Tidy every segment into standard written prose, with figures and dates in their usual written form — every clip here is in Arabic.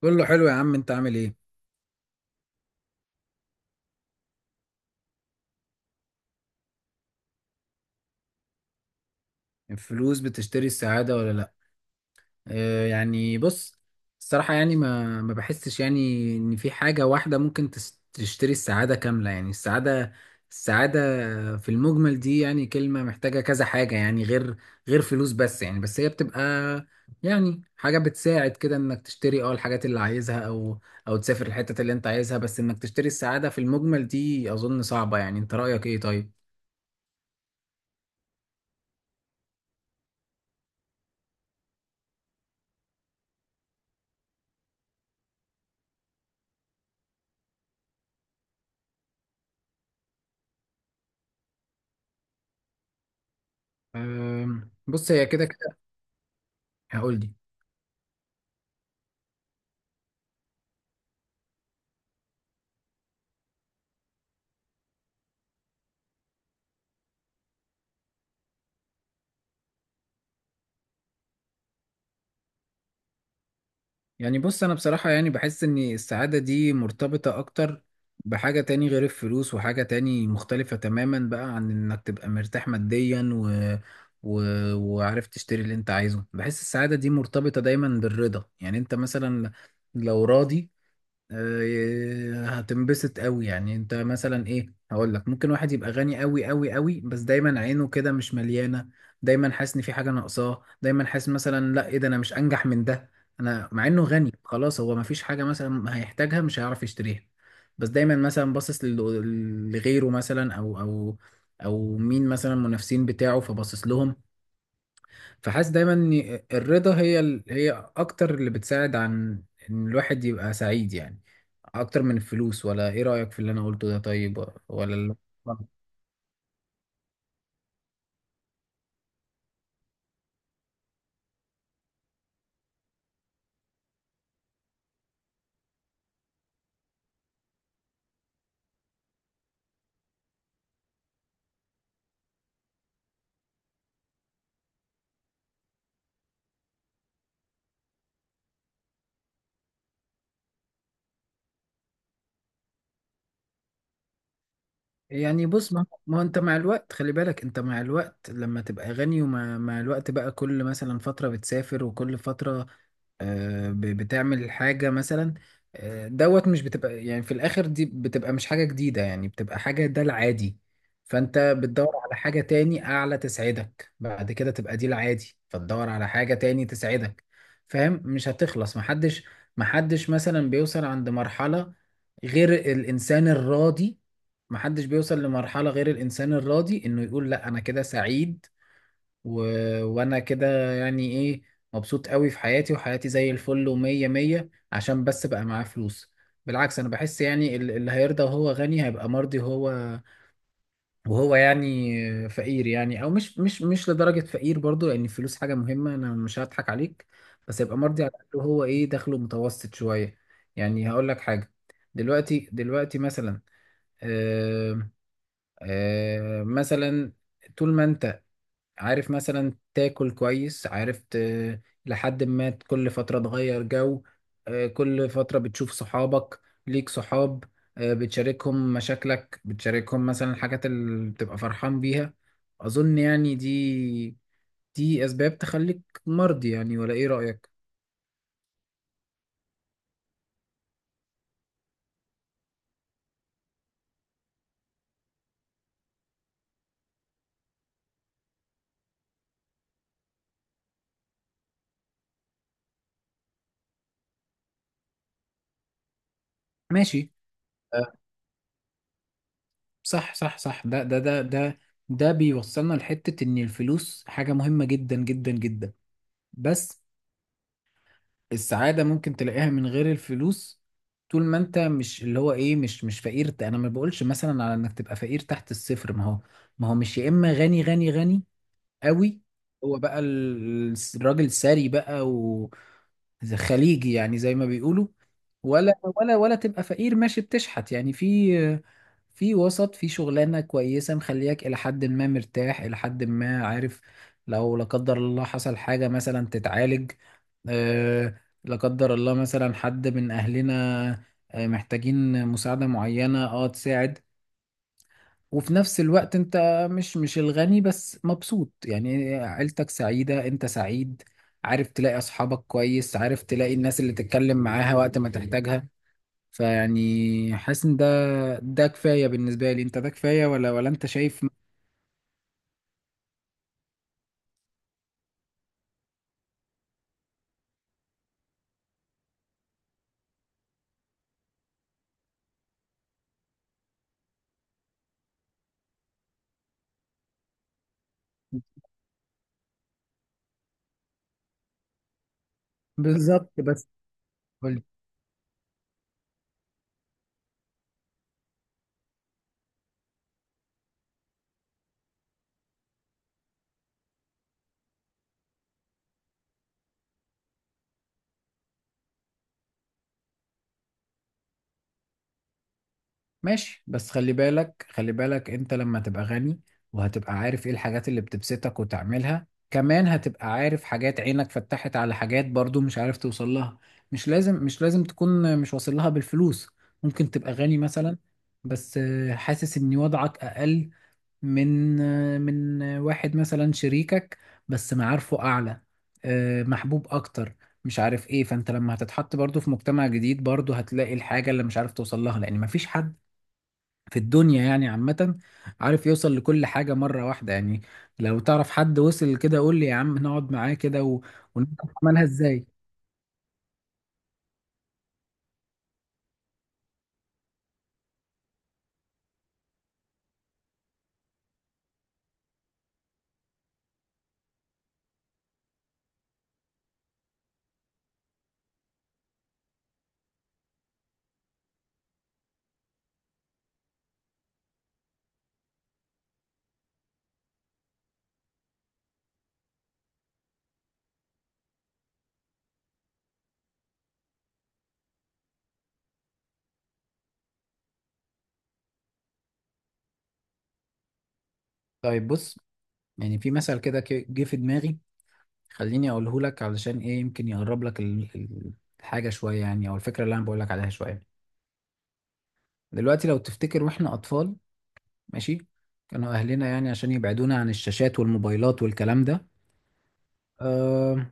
كله حلو يا عم، انت عامل ايه؟ الفلوس بتشتري السعادة ولا لا؟ اه يعني بص، الصراحة يعني ما بحسش يعني ان في حاجة واحدة ممكن تشتري السعادة كاملة. يعني السعادة، السعادة في المجمل دي يعني كلمة محتاجة كذا حاجة، يعني غير فلوس. بس يعني بس هي بتبقى يعني حاجة بتساعد كده انك تشتري الحاجات اللي عايزها، او تسافر الحتة اللي انت عايزها. بس انك تشتري السعادة في المجمل دي اظن صعبة. يعني انت رأيك ايه طيب؟ بص، هي كده، هقول لي. يعني بص، انا بصراحة يعني بحس ان السعادة دي مرتبطة اكتر بحاجة تاني غير الفلوس، وحاجة تاني مختلفة تماما بقى عن انك تبقى مرتاح ماديا و... وعارف تشتري اللي انت عايزه. بحس السعادة دي مرتبطة دايما بالرضا. يعني انت مثلا لو راضي، هتنبسط قوي. يعني انت مثلا ايه، هقول لك، ممكن واحد يبقى غني قوي قوي قوي بس دايما عينه كده مش مليانه. دايما حاسس ان في حاجه ناقصاه، دايما حاسس مثلا لا ايه ده، انا مش انجح من ده. انا مع انه غني خلاص، هو ما فيش حاجه مثلا هيحتاجها مش هيعرف يشتريها، بس دايما مثلا باصص لغيره، مثلا او او مين، مثلا المنافسين بتاعه، فباصص لهم. فحاسس دايما ان الرضا هي هي اكتر اللي بتساعد عن ان الواحد يبقى سعيد، يعني اكتر من الفلوس. ولا ايه رأيك في اللي انا قلته ده طيب؟ ولا لا. يعني بص، ما هو انت مع الوقت، خلي بالك، انت مع الوقت لما تبقى غني، ومع الوقت بقى كل مثلا فترة بتسافر، وكل فترة بتعمل حاجة مثلا. دوت مش بتبقى يعني في الآخر دي بتبقى مش حاجة جديدة، يعني بتبقى حاجة ده العادي. فأنت بتدور على حاجة تاني أعلى تسعدك، بعد كده تبقى دي العادي فتدور على حاجة تاني تسعدك. فاهم؟ مش هتخلص. محدش مثلا بيوصل عند مرحلة غير الإنسان الراضي. محدش بيوصل لمرحلة غير الإنسان الراضي إنه يقول لأ أنا كده سعيد، و... وأنا كده يعني إيه، مبسوط قوي في حياتي، وحياتي زي الفل ومية مية، عشان بس بقى معاه فلوس. بالعكس، أنا بحس يعني اللي هيرضى وهو غني هيبقى مرضي، وهو، وهو يعني، فقير. يعني أو مش لدرجة فقير برضو، لأن الفلوس حاجة مهمة، أنا مش هضحك عليك، بس يبقى مرضي على الأقل وهو إيه، دخله متوسط شوية. يعني هقول لك حاجة، دلوقتي مثلا، آه، مثلا طول ما انت عارف مثلا تاكل كويس، عارف لحد ما كل فترة تغير جو، كل فترة بتشوف صحابك، ليك صحاب، بتشاركهم مشاكلك، بتشاركهم مثلا الحاجات اللي بتبقى فرحان بيها. أظن يعني دي، دي أسباب تخليك مرضي، يعني ولا إيه رأيك؟ ماشي. آه، صح صح صح، ده ده بيوصلنا لحتة إن الفلوس حاجة مهمة جدا جدا جدا، بس السعادة ممكن تلاقيها من غير الفلوس. طول ما انت مش اللي هو ايه، مش فقير. انا ما بقولش مثلا على انك تبقى فقير تحت الصفر، ما هو مش يا اما غني غني غني قوي، هو بقى الراجل ثري بقى، و خليجي يعني زي ما بيقولوا، ولا تبقى فقير ماشي بتشحت. يعني في وسط، في شغلانة كويسة مخلياك إلى حد ما مرتاح، إلى حد ما عارف لو لا قدر الله حصل حاجة مثلا تتعالج، لا قدر الله مثلا حد من اهلنا محتاجين مساعدة معينة، تساعد. وفي نفس الوقت انت مش الغني بس مبسوط، يعني عيلتك سعيدة، انت سعيد، عارف تلاقي اصحابك كويس، عارف تلاقي الناس اللي تتكلم معاها وقت ما تحتاجها. فيعني حاسس ان ده، ده كفاية بالنسبة لي انت، ده كفاية ولا انت شايف؟ بالظبط بس. ماشي، بس خلي بالك، خلي بالك انت لما تبقى غني وهتبقى عارف ايه الحاجات اللي بتبسطك وتعملها، كمان هتبقى عارف حاجات عينك فتحت على حاجات برضو مش عارف توصل لها. مش لازم، مش لازم تكون مش واصل لها بالفلوس. ممكن تبقى غني مثلا بس حاسس ان وضعك اقل من، واحد مثلا شريكك بس معارفه اعلى، محبوب اكتر، مش عارف ايه. فانت لما هتتحط برضو في مجتمع جديد برضو هتلاقي الحاجة اللي مش عارف توصل لها، لان مفيش حد في الدنيا يعني عامة عارف يوصل لكل حاجة مرة واحدة. يعني لو تعرف حد وصل كده قول لي يا عم نقعد معاه كده ونشوف عملها ازاي. طيب بص، يعني في مثل كده جه في دماغي، خليني اقوله لك علشان ايه يمكن يقرب لك الحاجة شوية يعني، او الفكرة اللي انا بقول لك عليها شوية. دلوقتي لو تفتكر واحنا اطفال، ماشي، كانوا اهلنا يعني عشان يبعدونا عن الشاشات والموبايلات والكلام ده، آه،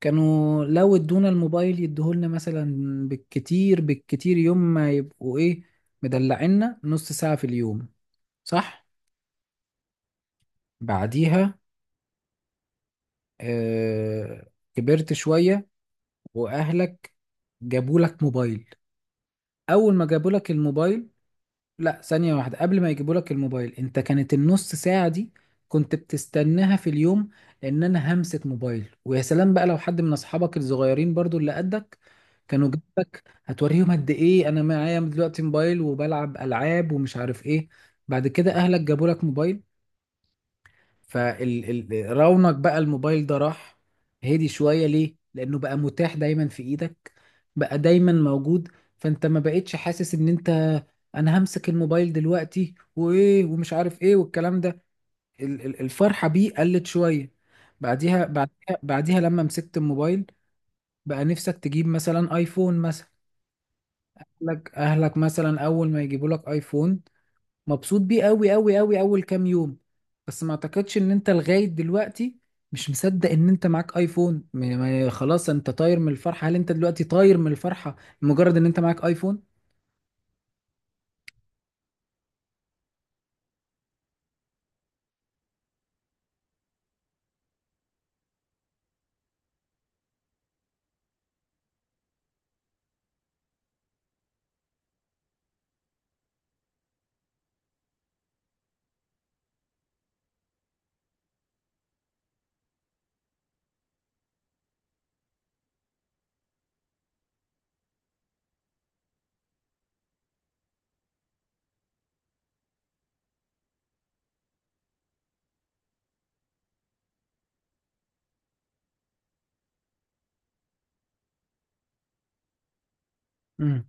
كانوا لو ادونا الموبايل يديهولنا مثلا بالكتير بالكتير يوم، ما يبقوا ايه، مدلعنا نص ساعة في اليوم. صح؟ بعديها كبرت شوية، واهلك جابولك موبايل. اول ما جابولك الموبايل، لا ثانية واحدة، قبل ما يجيبوا لك الموبايل انت كانت النص ساعة دي كنت بتستناها في اليوم، لان انا همسة موبايل ويا سلام. بقى لو حد من اصحابك الصغيرين برضو اللي قدك كانوا جنبك هتوريهم قد ايه انا معايا دلوقتي موبايل وبلعب العاب ومش عارف ايه. بعد كده اهلك جابوا لك موبايل، فرونق بقى الموبايل ده راح، هدي شوية. ليه؟ لأنه بقى متاح دايما في إيدك، بقى دايما موجود. فأنت ما بقتش حاسس إن أنت، أنا همسك الموبايل دلوقتي وإيه ومش عارف إيه والكلام ده، الفرحة بيه قلت شوية. بعديها، بعديها لما مسكت الموبايل، بقى نفسك تجيب مثلا آيفون مثلا. أهلك مثلا أول ما يجيبوا لك آيفون، مبسوط بيه قوي قوي قوي اول كام يوم. بس ما اعتقدش ان انت لغاية دلوقتي مش مصدق ان انت معاك ايفون. خلاص انت طاير من الفرحة. هل انت دلوقتي طاير من الفرحة مجرد ان انت معاك ايفون؟ امم.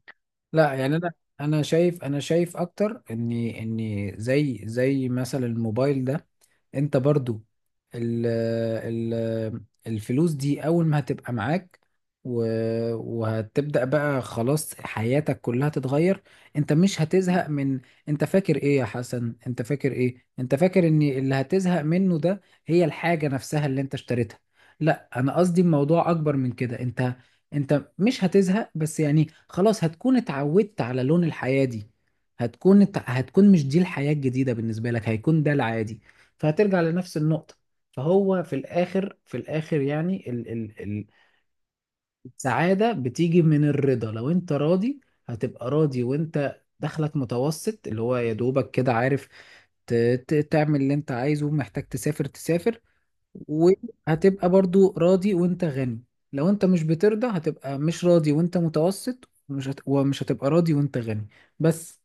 لا يعني، انا شايف اكتر اني زي مثلا الموبايل ده. انت برضو، ال ال الفلوس دي اول ما هتبقى معاك، وهتبدأ بقى خلاص حياتك كلها تتغير. انت مش هتزهق من، انت فاكر ايه يا حسن، انت فاكر ايه، انت فاكر ان اللي هتزهق منه ده هي الحاجة نفسها اللي انت اشتريتها؟ لا، انا قصدي الموضوع اكبر من كده. انت، انت مش هتزهق بس، يعني خلاص هتكون اتعودت على لون الحياة دي. هتكون مش دي الحياة الجديدة بالنسبة لك، هيكون ده العادي. فهترجع لنفس النقطة. فهو في الآخر، في الآخر يعني ال ال ال السعادة بتيجي من الرضا. لو أنت راضي هتبقى راضي وأنت دخلك متوسط، اللي هو يا دوبك كده عارف ت- تعمل اللي أنت عايزه، محتاج تسافر تسافر، وهتبقى برضو راضي وأنت غني. لو أنت مش بترضى هتبقى مش راضي وأنت متوسط، ومش هتبقى راضي وأنت غني بس.